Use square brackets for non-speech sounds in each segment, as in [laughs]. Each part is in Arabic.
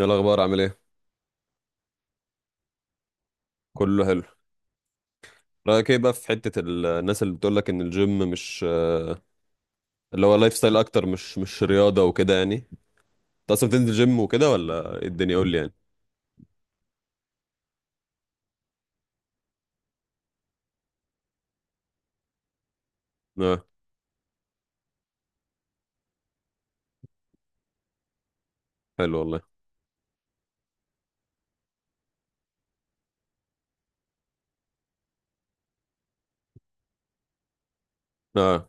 ايه الاخبار؟ عامل ايه؟ كله حلو. رايك ايه بقى في حته الناس اللي بتقول لك ان الجيم مش اللي هو لايف ستايل اكتر، مش رياضه وكده يعني؟ انت اصلا بتنزل جيم وكده ولا إيه الدنيا، قول لي يعني. اه، حلو والله. اه،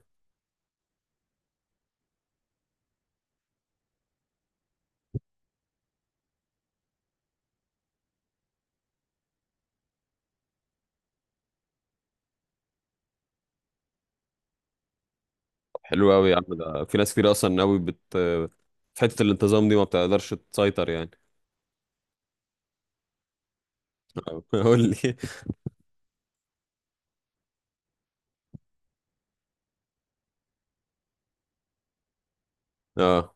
حلو قوي يا عم. ده في ناس كتير اصلا قوي بت آه، في حته الانتظام دي ما بتقدرش تسيطر يعني. [laughs] قول لي. اه.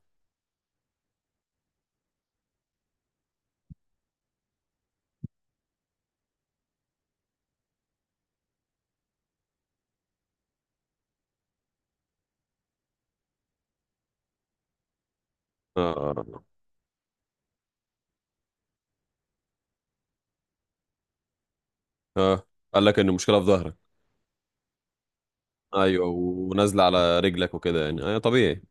اه. اه. آه. قال لك ان المشكله في ظهرك؟ ايوه ونازله على رجلك وكده يعني، طبيعي.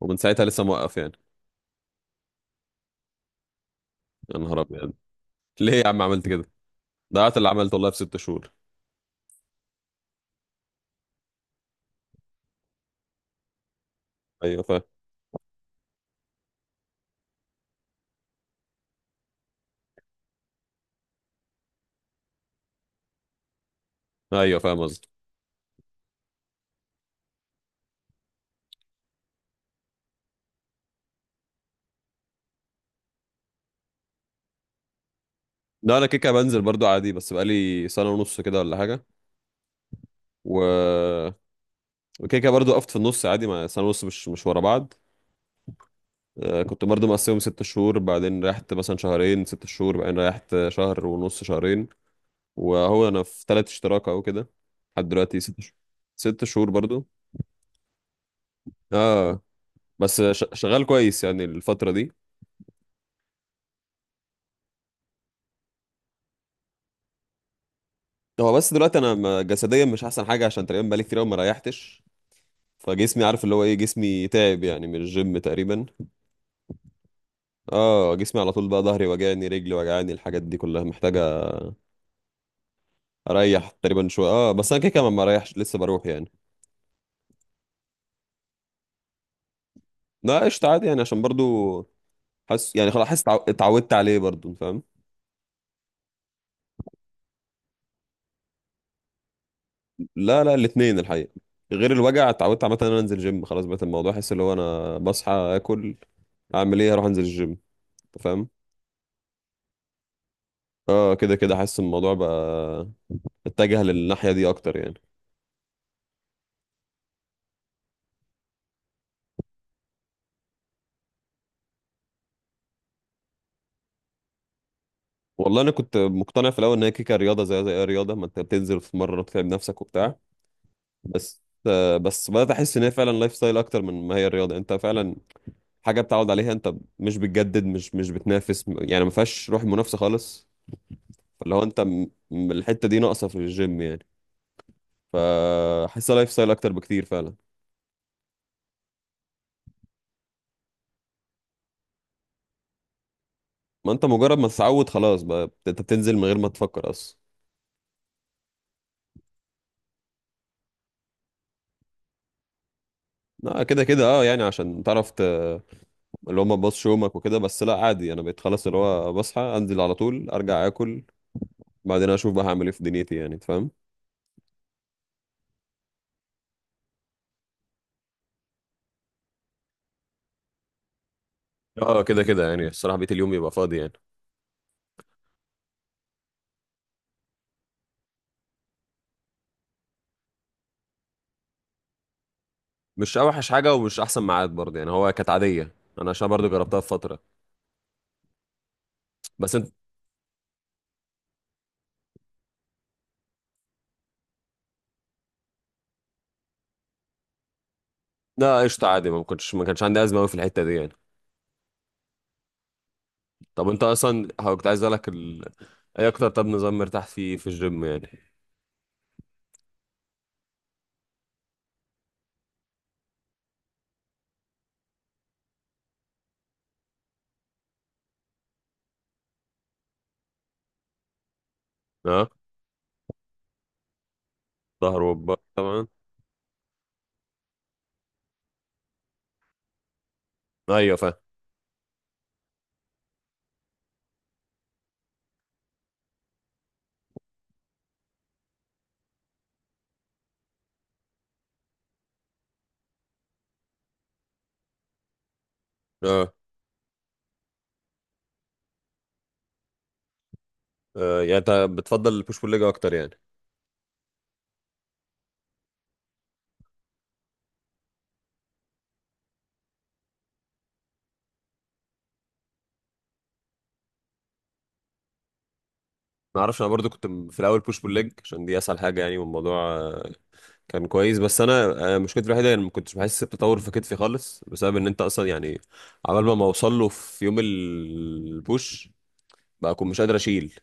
ومن ساعتها لسه موقف يعني؟ يا نهار ابيض، ليه يا عم عملت كده؟ ده عارف اللي عملته والله في 6 شهور. ايوه فاهم. ايوه فاهم قصدي. لا انا كيكه بنزل برضو عادي، بس بقالي سنه ونص كده ولا حاجه، و وكيكه برضو وقفت في النص عادي. مع سنه ونص مش ورا بعض. كنت برضو مقسمهم 6 شهور بعدين ريحت مثلا شهرين، 6 شهور بعدين ريحت شهر ونص، شهرين. وهو انا في تلات اشتراك اهو كده لحد دلوقتي. 6 شهور. 6 شهور برضو. اه. بس شغال كويس يعني الفتره دي. هو بس دلوقتي انا جسديا مش احسن حاجه، عشان تقريبا بقالي كتير قوي ما ريحتش. فجسمي عارف اللي هو ايه، جسمي تعب يعني من الجيم تقريبا. اه جسمي على طول بقى، ظهري وجعني، رجلي وجعاني، الحاجات دي كلها محتاجه اريح تقريبا شويه. اه بس انا كده كده ما بريحش لسه بروح يعني. لا قشطه عادي يعني عشان برضو حاسس يعني خلاص، حاسس اتعودت عليه برضو. أنت فاهم؟ لا لا، الاثنين الحقيقه. غير الوجع، اتعودت عامه ان انا انزل جيم. خلاص بقيت الموضوع احس اللي هو انا بصحى اكل، اعمل ايه، اروح انزل الجيم. أنت فاهم. اه كده كده، حاسس الموضوع بقى اتجه للناحيه دي اكتر يعني. والله انا كنت مقتنع في الاول ان هي كيكه رياضه، زي اي رياضه، ما انت بتنزل وتتمرن وتتعب نفسك وبتاع. بس بس بدات احس ان هي فعلا لايف ستايل اكتر من ما هي الرياضه. انت فعلا حاجه بتعود عليها، انت مش بتجدد، مش بتنافس يعني، ما فيهاش روح منافسه خالص. فاللي هو انت الحته دي ناقصه في الجيم يعني. فحسها لايف ستايل اكتر بكتير فعلا. ما انت مجرد ما تتعود خلاص بقى انت بتنزل من غير ما تفكر اصلا. لا كده كده اه يعني، عشان تعرف، اللي هو ما تبصش يومك وكده. بس لا عادي، انا بقيت خلاص اللي هو بصحى انزل على طول، ارجع اكل، بعدين اشوف بقى هعمل ايه في دنيتي يعني. أنت فاهم. اه كده كده يعني الصراحه، بقيت اليوم يبقى فاضي يعني. مش اوحش حاجه ومش احسن ميعاد برضه يعني، هو كانت عاديه. انا عشان برضه جربتها في فتره. بس انت، لا قشطه عادي، ما كنتش، ما كانش عندي ازمه قوي في الحته دي يعني. طب انت اصلا هو كنت عايز اسالك ايه اكتر، طب نظام مرتاح فيه في الجيم يعني؟ اه، ظهر وبطن طبعا. ايوه فاهم. اه، يعني انت بتفضل البوش بول ليج اكتر يعني؟ ما اعرفش. انا برضو كنت في الاول بوش بول ليج عشان دي اسهل حاجه يعني. والموضوع كان كويس. بس انا مشكلتي الوحيده ان ما كنتش بحس بتطور في كتفي خالص، بسبب ان انت اصلا يعني عبال ما ما اوصل له في يوم البوش، بقى اكون مش قادر اشيل.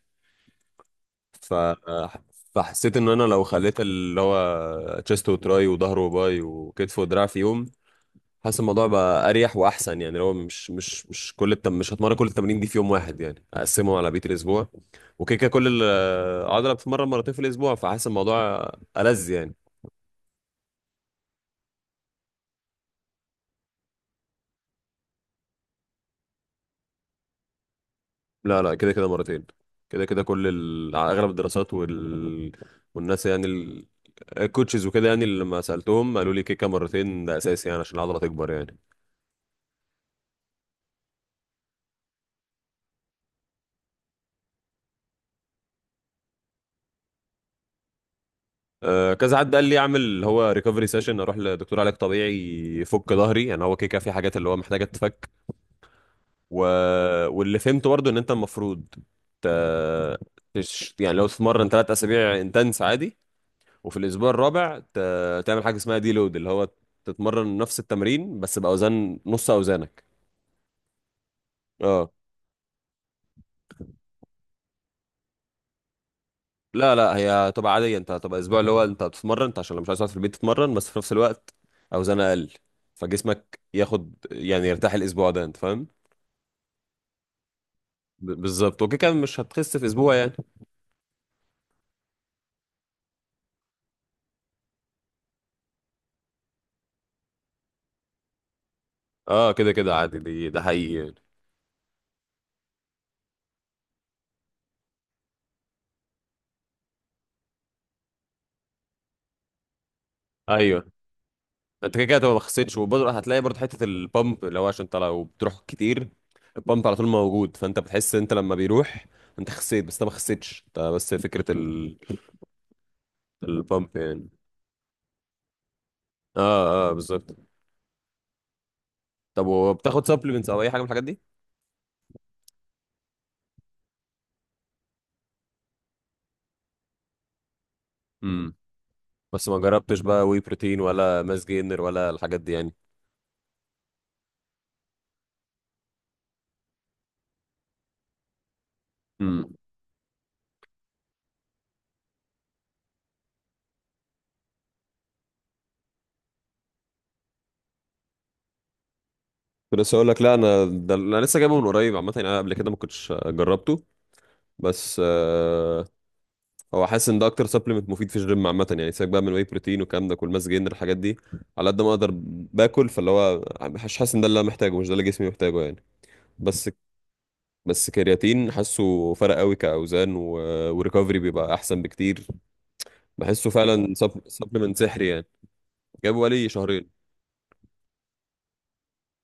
ف آه، فحسيت ان انا لو خليت اللي هو تشيست وتراي وظهر وباي وكتف ودراع في يوم، حاسس الموضوع بقى اريح واحسن يعني. لو مش مش هتمرن كل التمارين دي في يوم واحد يعني، اقسمهم على بقيه الاسبوع. وكده كده كل العضله بتتمرن مرتين في الاسبوع. فحاسس الموضوع ألذ يعني. لا لا كده كده مرتين. كده كده على اغلب الدراسات والناس يعني الكوتشز وكده يعني، اللي لما سالتهم قالوا لي كيكه مرتين ده اساسي يعني عشان العضله تكبر يعني. أه، كذا حد قال لي اعمل اللي هو ريكفري سيشن، اروح لدكتور علاج طبيعي يفك ظهري يعني. هو كيكه في حاجات اللي هو محتاجه تتفك. و... واللي فهمته برضو ان انت المفروض ت... يعني لو تتمرن 3 اسابيع انتنس عادي، وفي الاسبوع الرابع تعمل حاجه اسمها دي لود، اللي هو تتمرن نفس التمرين بس باوزان نص اوزانك. اه لا لا، هي هتبقى عاديه، انت هتبقى اسبوع اللي هو انت بتتمرن، انت عشان لو مش عايز تقعد في البيت تتمرن، بس في نفس الوقت اوزان اقل. فجسمك ياخد يعني يرتاح الاسبوع ده. انت فاهم؟ بالظبط. وكده كده مش هتخس في اسبوع يعني. اه كده كده عادي، دي ده حقيقي يعني. ايوه، انت كده كده هتبقى ما خسرتش، وبرضه هتلاقي برضه حته البامب، اللي هو عشان انت لو بتروح كتير البامب على طول موجود. فانت بتحس انت لما بيروح انت خسيت، بس انت ما خسيتش، انت بس فكره البامب يعني. اه اه، بالظبط. طب وبتاخد سبلمنتس او اي حاجه من الحاجات دي؟ امم. بس ما جربتش بقى وي بروتين ولا ماس جينر ولا الحاجات دي يعني. امم. كنت لسه اقول لك. لا انا ده انا لسه جايبه من قريب عامه يعني، انا قبل كده ما كنتش جربته. بس هو حاسس ان ده اكتر سبلمنت مفيد في الجيم عامه يعني. سيبك بقى من الواي بروتين والكلام ده، كل ماس جينر الحاجات دي. على قد ما اقدر باكل. فاللي هو مش حاسس ان ده اللي انا محتاجه، مش ده اللي جسمي محتاجه يعني. بس بس كرياتين حاسه فرق قوي كاوزان، وريكفري بيبقى احسن بكتير. بحسه فعلا. سبلمنت سحري يعني. جابه بقالي شهرين.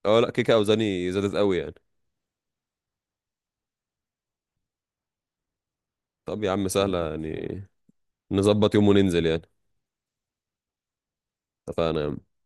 اه لا كيكه اوزاني زادت قوي يعني. طب يا عم سهله يعني، نظبط يوم وننزل يعني. اتفقنا يا عم.